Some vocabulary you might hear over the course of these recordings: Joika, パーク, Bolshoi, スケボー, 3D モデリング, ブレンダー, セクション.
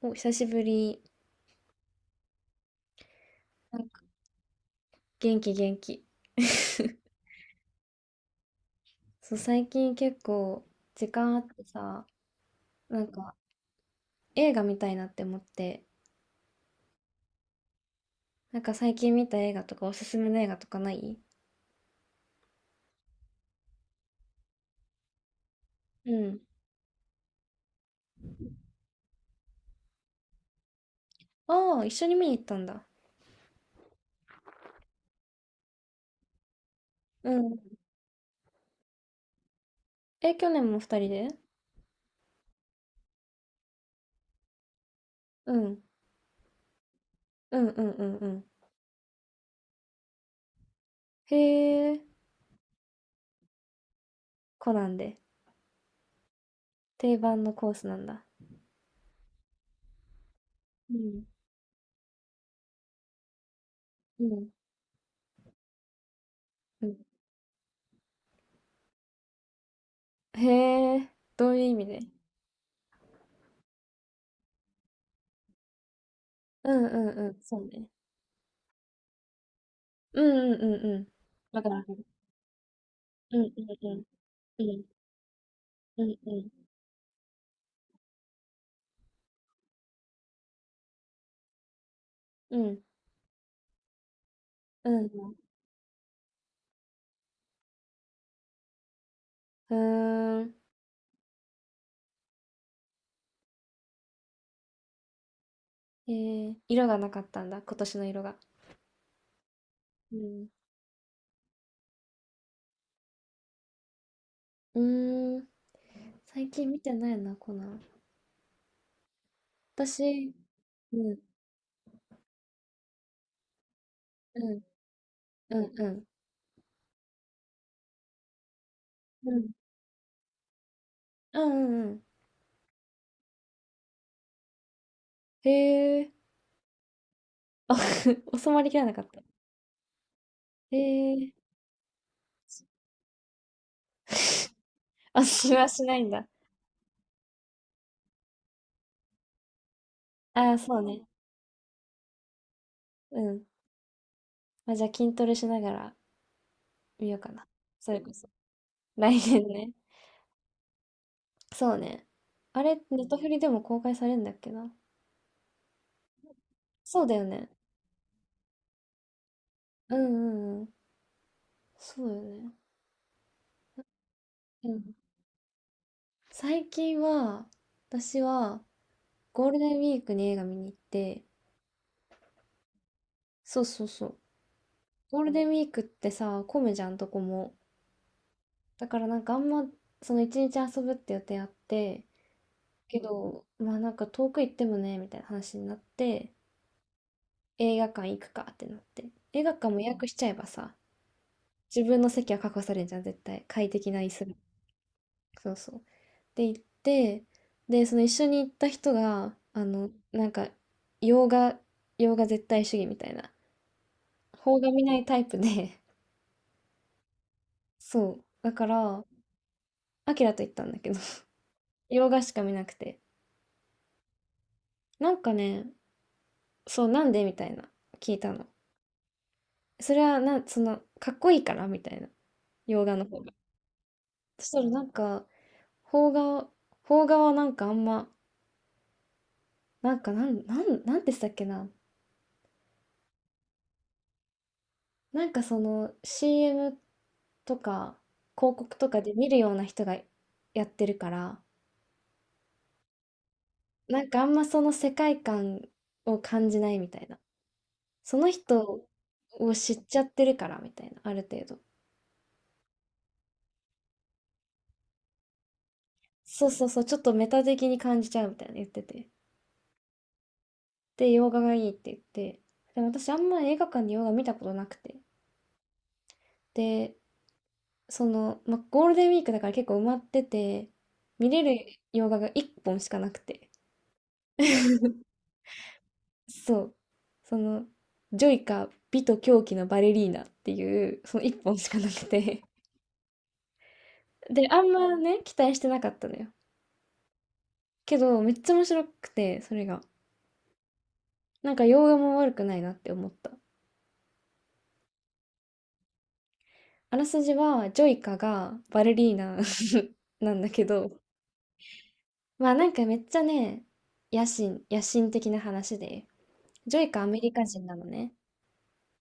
お、久しぶり。なんか元気元気。そう、最近結構時間あってさ、なんか映画見たいなって思って、なんか最近見た映画とかおすすめの映画とかない？うん。ああ、一緒に見に行ったんだ。うん。え、去年も二人で？うん。うんうんうんうん。へえ、コナンで。定番のコースなんだ。うん。うん。うん。へえ、どういう意味で？うんうんうん。そうね。うんうんうんうん。わかるわかる。うんうんうん。うんうんうん。うん。うん。うーん。えー、色がなかったんだ、今年の色が。うん。うーん。最近見てないな、コナン。私、うん、うん、うん、うん。うん、うん、うんうん。へえ。あ、収まりきらなかった。へえ。あ、しはしないんだ。ああ、そうね。うん。まあ、じゃあ筋トレしながら見ようかな。それこそ。来年ね。そうね。あれ、ネットフリでも公開されるんだっけな。そうだよね。うんうんうん。そうだよね。うん。最近は、私はゴールデンウィークに映画見に行って、そうそうそう。ゴールデンウィークってさ、混むじゃん、どこも。だからなんかあんま、その一日遊ぶって予定あって、けど、まあなんか遠く行ってもね、みたいな話になって、映画館行くかってなって。映画館も予約しちゃえばさ、自分の席は確保されるじゃん、絶対。快適な椅子。そうそう。で、行って、で、その一緒に行った人が、なんか、洋画、洋画絶対主義みたいな、邦画見ないタイプで、そう。だから、アキラと行ったんだけど、洋画しか見なくて。なんかね、そう、なんでみたいな、聞いたの。それは、その、かっこいいからみたいな、洋画の方が。そしたら、なんか、邦画、邦画はなんかあんま、なんか、なんてしたっけな。なんかその CM とか広告とかで見るような人がやってるから、なんかあんまその世界観を感じないみたいな、その人を知っちゃってるからみたいな、ある程度そうそうそう。ちょっとメタ的に感じちゃうみたいな言ってて、で洋画がいいって言って、でも私あんま映画館で洋画見たことなくて、で、その、まあ、ゴールデンウィークだから結構埋まってて、見れる洋画が1本しかなくて。そう。その、ジョイカ美と狂気のバレリーナっていう、その一本しかなくて。で、あんまね、期待してなかったのよ。けど、めっちゃ面白くて、それが。なんか、洋画も悪くないなって思った。あらすじは、ジョイカがバレリーナ なんだけど、まあなんかめっちゃね、野心的な話で、ジョイカアメリカ人なのね。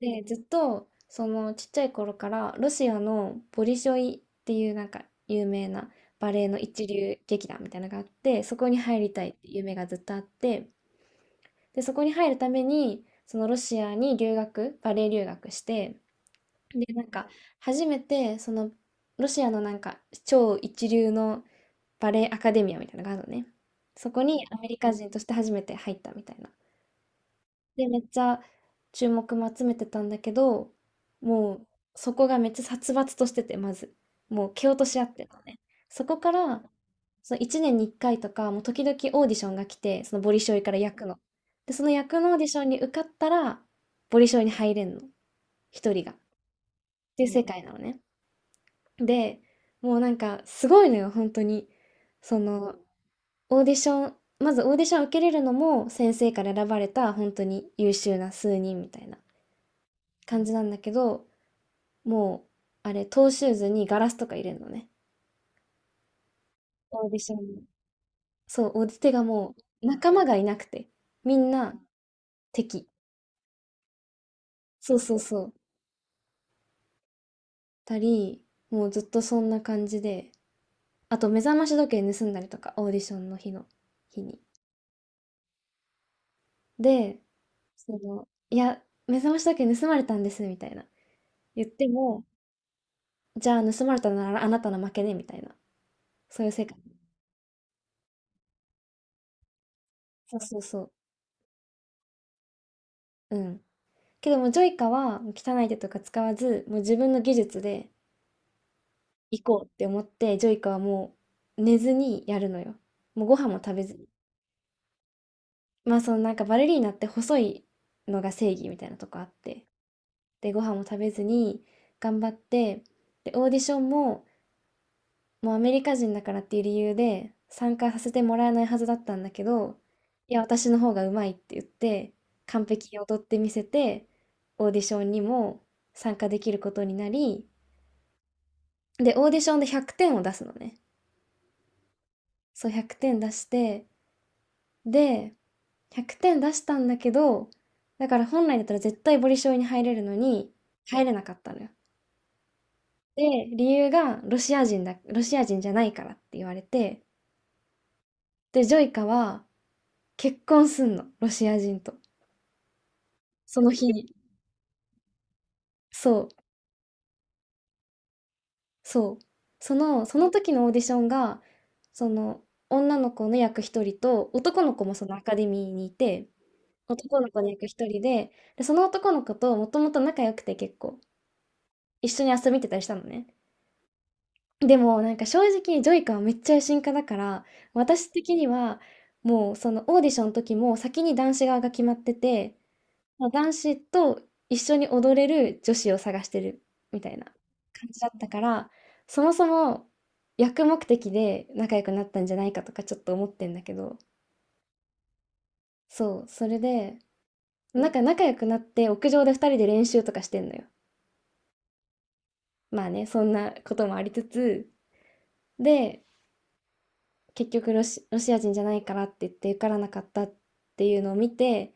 で、ずっと、そのちっちゃい頃から、ロシアのボリショイっていうなんか有名なバレエの一流劇団みたいなのがあって、そこに入りたいっていう夢がずっとあって、で、そこに入るために、そのロシアにバレエ留学して、で、なんか、初めて、その、ロシアのなんか、超一流のバレエアカデミアみたいなのがあるのね。そこにアメリカ人として初めて入ったみたいな。で、めっちゃ注目も集めてたんだけど、もうそこがめっちゃ殺伐としてて、まず。もう蹴落とし合ってたのね。そこから、その1年に1回とか、もう時々オーディションが来て、そのボリショイから役の。で、その役のオーディションに受かったら、ボリショイに入れんの。一人が。っていう世界なのね。で、もうなんかすごいのよ、本当に。その、オーディション、まずオーディション受けれるのも先生から選ばれた本当に優秀な数人みたいな感じなんだけど、もう、トーシューズにガラスとか入れるのね。オーディションに。そう、オーディテがもう、仲間がいなくて、みんな敵。そうそうそう。たり、もうずっとそんな感じで、あと目覚まし時計盗んだりとか、オーディションの日に。で、その、いや、目覚まし時計盗まれたんです、みたいな。言っても、じゃあ盗まれたならあなたの負けね、みたいな。そういう世界。そうそうそう。うん。けどもジョイカは汚い手とか使わず、もう自分の技術で行こうって思って、ジョイカはもう寝ずにやるのよ。もうご飯も食べずに。まあそのなんかバレリーナって細いのが正義みたいなとこあって。で、ご飯も食べずに頑張って、で、オーディションももうアメリカ人だからっていう理由で参加させてもらえないはずだったんだけど、いや、私の方がうまいって言って、完璧に踊ってみせて、オーディションにも参加できることになり、で、オーディションで100点を出すのね。そう、100点出して、で、100点出したんだけど、だから本来だったら絶対ボリショイに入れるのに、入れなかったのよ。で、理由がロシア人だ、ロシア人じゃないからって言われて、で、ジョイカは結婚すんの、ロシア人と。その日に。そう、そう。その時のオーディションが、その、女の子の役一人と、男の子もそのアカデミーにいて、男の子の役一人で、で、その男の子ともともと仲良くて結構、一緒に遊びに行ってたりしたのね。でもなんか正直ジョイカはめっちゃ野心家だから、私的にはもうそのオーディションの時も先に男子側が決まってて、まあ男子と一緒に踊れる女子を探してるみたいな感じだったから、そもそも役目的で仲良くなったんじゃないかとかちょっと思ってんだけど、そう、それで、なんか仲良くなって屋上で二人で練習とかしてんのよ。まあね、そんなこともありつつ、で、結局ロシア人じゃないからって言って受からなかったっていうのを見て、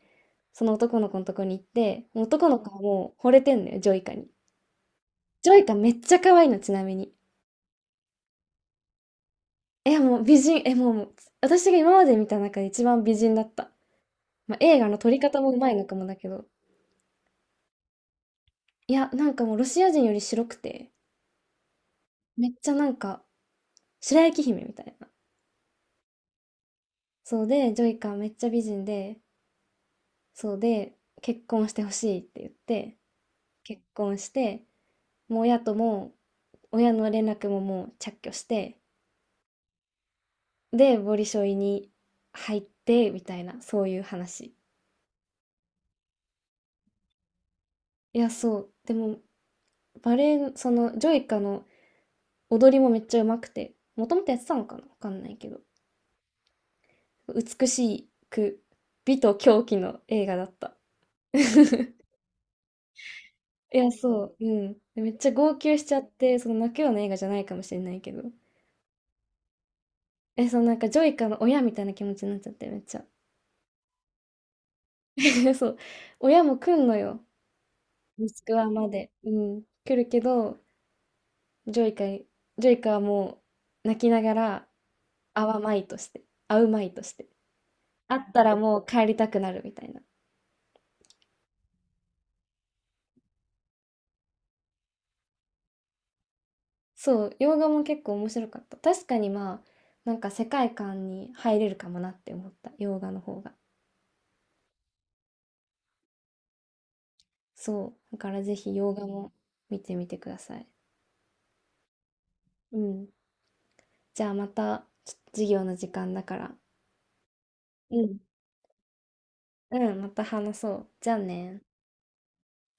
その男の子のとこに行って、男の子はもう惚れてんのよ、ジョイカに。ジョイカめっちゃ可愛いの、ちなみに。いや、もう美人、え、もう、もう私が今まで見た中で一番美人だった。まあ、映画の撮り方もうまいのかもだけど。いや、なんかもうロシア人より白くて、めっちゃなんか、白雪姫みたいな。そうで、ジョイカめっちゃ美人で、そうで、結婚してほしいって言って、結婚して、もう親とも、親の連絡ももう着去して、で、ボリショイに入って、みたいな、そういう話。いや、そう。でも、バレエ、その、ジョイカの踊りもめっちゃ上手くて、もともとやってたのかなわかんないけど。美しく、美と狂気の映画だった。いや、そう、うん。でめっちゃ号泣しちゃって、その泣くような映画じゃないかもしれないけど。そのなんかジョイカの親みたいな気持ちになっちゃって、めっちゃ。そう。親も来んのよ。モスクワまで、うん、来るけど、ジョイカ、ジョイカはもう泣きながら、会わまいとして、会うまいとして、会ったらもう帰りたくなるみたいな。そう、洋画も結構面白かった。確かにまあ、なんか世界観に入れるかもなって思った、洋画の方が。そう、だからぜひ洋画も見てみてください。うん。じゃあまた、ちょっと授業の時間だから。うん。うん、また話そう。じゃあね。